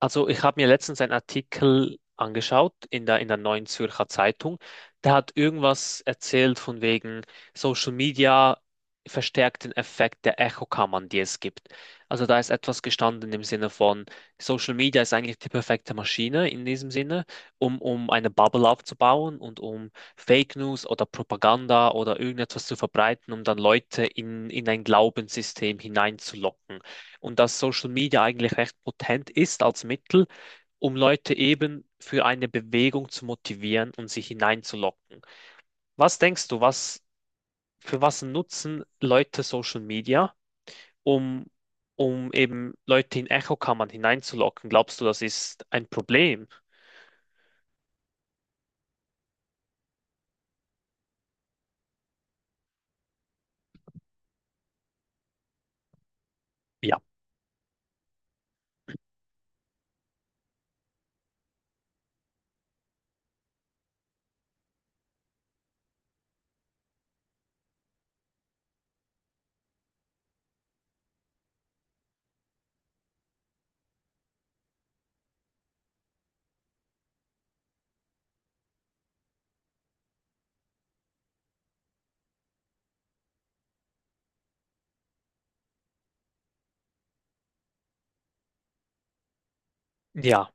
Also ich habe mir letztens einen Artikel angeschaut in der Neuen Zürcher Zeitung. Der hat irgendwas erzählt von wegen Social Media verstärkt den Effekt der Echokammern, die es gibt. Also da ist etwas gestanden im Sinne von: Social Media ist eigentlich die perfekte Maschine in diesem Sinne, um eine Bubble aufzubauen und um Fake News oder Propaganda oder irgendetwas zu verbreiten, um dann Leute in ein Glaubenssystem hineinzulocken, und dass Social Media eigentlich recht potent ist als Mittel, um Leute eben für eine Bewegung zu motivieren und sie hineinzulocken. Was denkst du, für was nutzen Leute Social Media, um, um eben Leute in Echokammern hineinzulocken? Glaubst du, das ist ein Problem? Ja. Ja.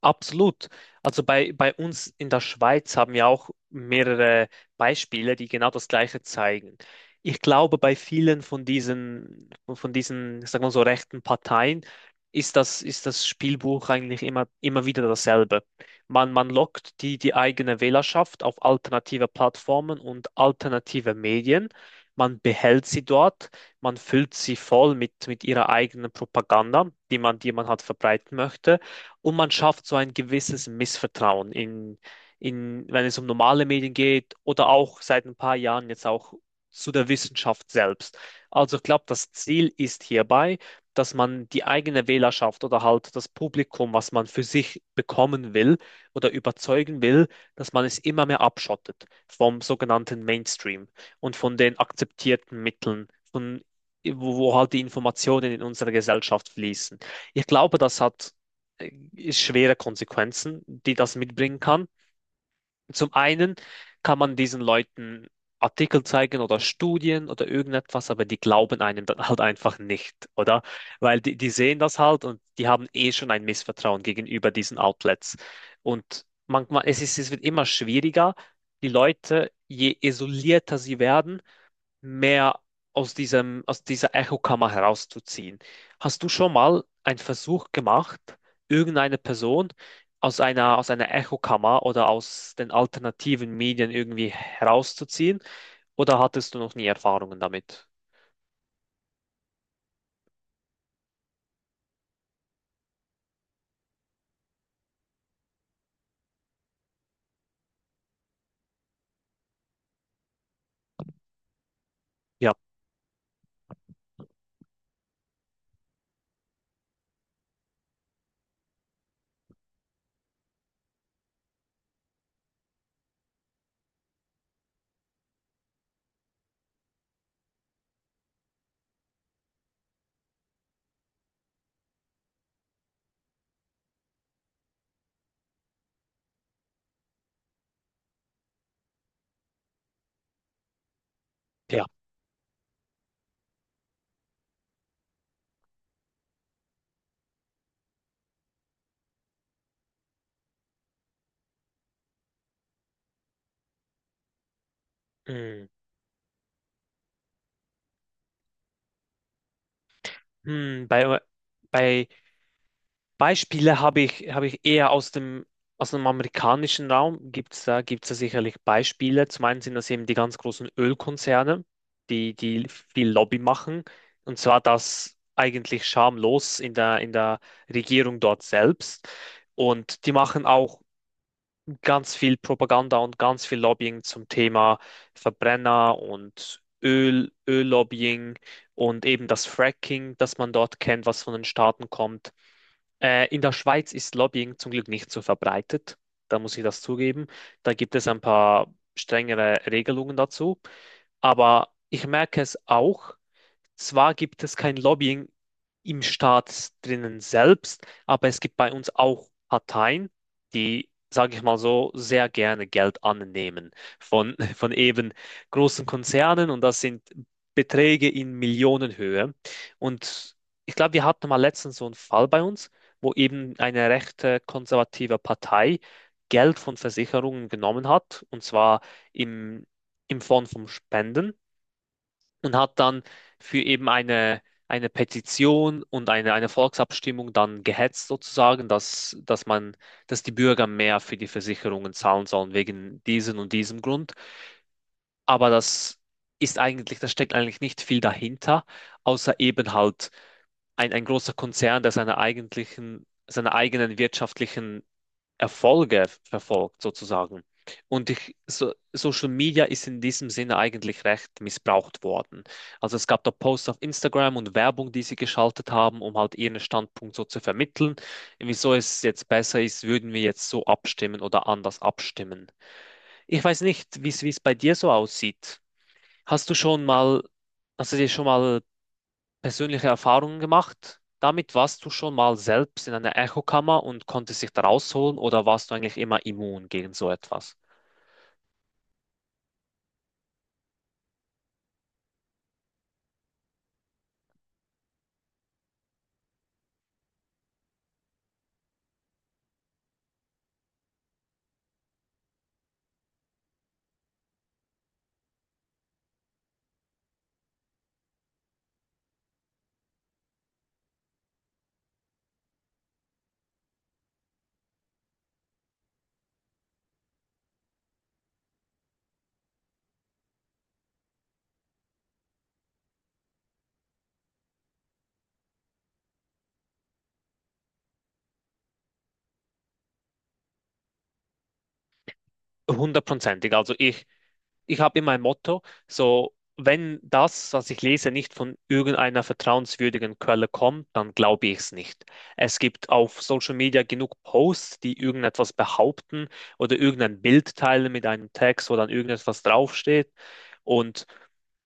Absolut. Also bei uns in der Schweiz haben wir auch mehrere Beispiele, die genau das Gleiche zeigen. Ich glaube, bei vielen von diesen, sagen wir so, rechten Parteien ist das Spielbuch eigentlich immer wieder dasselbe. Man lockt die eigene Wählerschaft auf alternative Plattformen und alternative Medien. Man behält sie dort, man füllt sie voll mit ihrer eigenen Propaganda, die man halt verbreiten möchte, und man schafft so ein gewisses Missvertrauen in, wenn es um normale Medien geht, oder auch seit ein paar Jahren jetzt auch zu der Wissenschaft selbst. Also ich glaube, das Ziel ist hierbei, dass man die eigene Wählerschaft oder halt das Publikum, was man für sich bekommen will oder überzeugen will, dass man es immer mehr abschottet vom sogenannten Mainstream und von den akzeptierten Mitteln, von wo halt die Informationen in unsere Gesellschaft fließen. Ich glaube, das hat ist schwere Konsequenzen, die das mitbringen kann. Zum einen kann man diesen Leuten Artikel zeigen oder Studien oder irgendetwas, aber die glauben einem dann halt einfach nicht, oder? Weil die sehen das halt und die haben eh schon ein Missvertrauen gegenüber diesen Outlets. Und manchmal, es wird immer schwieriger, die Leute, je isolierter sie werden, mehr aus aus dieser Echokammer herauszuziehen. Hast du schon mal einen Versuch gemacht, irgendeine Person aus aus einer Echokammer oder aus den alternativen Medien irgendwie herauszuziehen? Oder hattest du noch nie Erfahrungen damit? Ja, ja. Hm. Hm, bei Beispiele habe ich eher aus aus dem amerikanischen Raum. Gibt es gibt's da sicherlich Beispiele. Zum einen sind das eben die ganz großen Ölkonzerne, die viel Lobby machen. Und zwar das eigentlich schamlos in der Regierung dort selbst. Und die machen auch ganz viel Propaganda und ganz viel Lobbying zum Thema Verbrenner und Öl, Öllobbying und eben das Fracking, das man dort kennt, was von den Staaten kommt. In der Schweiz ist Lobbying zum Glück nicht so verbreitet. Da muss ich das zugeben. Da gibt es ein paar strengere Regelungen dazu. Aber ich merke es auch. Zwar gibt es kein Lobbying im Staat drinnen selbst, aber es gibt bei uns auch Parteien, die, sage ich mal so, sehr gerne Geld annehmen von eben großen Konzernen, und das sind Beträge in Millionenhöhe. Und ich glaube, wir hatten mal letztens so einen Fall bei uns, wo eben eine rechte konservative Partei Geld von Versicherungen genommen hat, und zwar im, im Form von Spenden, und hat dann für eben eine Petition und eine Volksabstimmung dann gehetzt sozusagen, dass man, dass die Bürger mehr für die Versicherungen zahlen sollen wegen diesem und diesem Grund. Aber da steckt eigentlich nicht viel dahinter, außer eben halt ein großer Konzern, der seine eigentlichen, seine eigenen wirtschaftlichen Erfolge verfolgt, sozusagen. Und ich, so, Social Media ist in diesem Sinne eigentlich recht missbraucht worden. Also es gab da Posts auf Instagram und Werbung, die sie geschaltet haben, um halt ihren Standpunkt so zu vermitteln. Wieso es jetzt besser ist, würden wir jetzt so abstimmen oder anders abstimmen. Ich weiß nicht, wie es bei dir so aussieht. Hast du schon mal, hast du dir schon mal persönliche Erfahrungen gemacht damit? Warst du schon mal selbst in einer Echokammer und konntest dich da rausholen, oder warst du eigentlich immer immun gegen so etwas? Hundertprozentig. Also ich habe immer ein Motto, so wenn das, was ich lese, nicht von irgendeiner vertrauenswürdigen Quelle kommt, dann glaube ich es nicht. Es gibt auf Social Media genug Posts, die irgendetwas behaupten oder irgendein Bild teilen mit einem Text, wo dann irgendetwas draufsteht. Und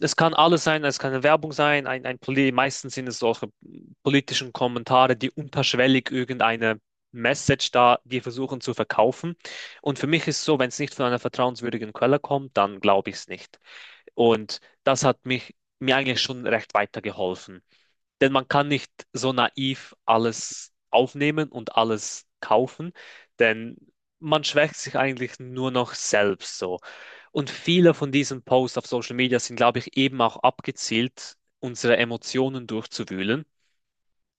es kann alles sein, es kann eine Werbung sein, meistens sind es solche politischen Kommentare, die unterschwellig irgendeine Message da, die versuchen zu verkaufen. Und für mich ist es so, wenn es nicht von einer vertrauenswürdigen Quelle kommt, dann glaube ich es nicht. Und das hat mich mir eigentlich schon recht weitergeholfen. Denn man kann nicht so naiv alles aufnehmen und alles kaufen, denn man schwächt sich eigentlich nur noch selbst so. Und viele von diesen Posts auf Social Media sind, glaube ich, eben auch abgezielt, unsere Emotionen durchzuwühlen.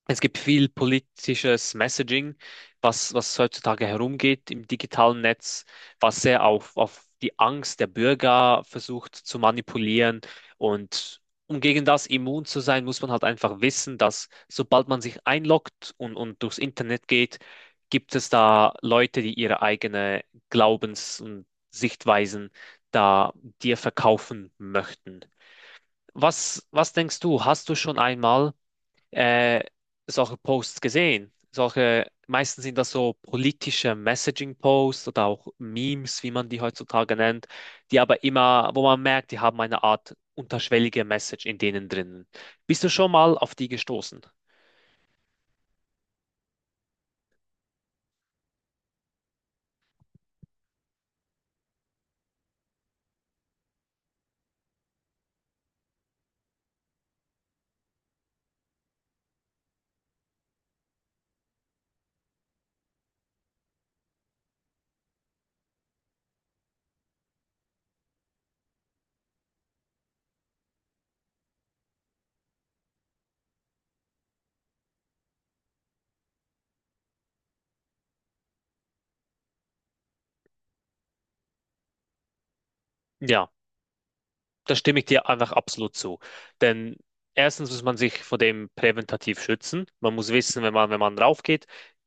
Es gibt viel politisches Messaging, was heutzutage herumgeht im digitalen Netz, was sehr auf die Angst der Bürger versucht zu manipulieren. Und um gegen das immun zu sein, muss man halt einfach wissen, dass sobald man sich einloggt und durchs Internet geht, gibt es da Leute, die ihre eigene Glaubens- und Sichtweisen da dir verkaufen möchten. Was denkst du? Hast du schon einmal äh, solche Posts gesehen? Solche, meistens sind das so politische Messaging-Posts oder auch Memes, wie man die heutzutage nennt, die aber immer, wo man merkt, die haben eine Art unterschwellige Message in denen drinnen. Bist du schon mal auf die gestoßen? Ja. Da stimme ich dir einfach absolut zu. Denn erstens muss man sich vor dem präventativ schützen. Man muss wissen, wenn man raufgeht,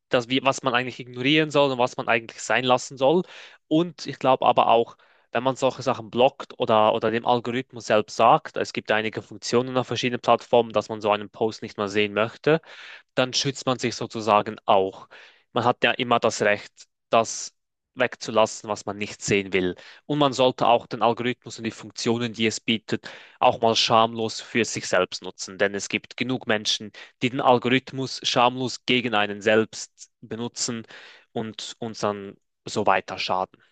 dass wir, was man eigentlich ignorieren soll und was man eigentlich sein lassen soll. Und ich glaube aber auch, wenn man solche Sachen blockt oder dem Algorithmus selbst sagt, es gibt einige Funktionen auf verschiedenen Plattformen, dass man so einen Post nicht mehr sehen möchte, dann schützt man sich sozusagen auch. Man hat ja immer das Recht, das wegzulassen, was man nicht sehen will. Und man sollte auch den Algorithmus und die Funktionen, die es bietet, auch mal schamlos für sich selbst nutzen. Denn es gibt genug Menschen, die den Algorithmus schamlos gegen einen selbst benutzen und uns dann so weiter schaden.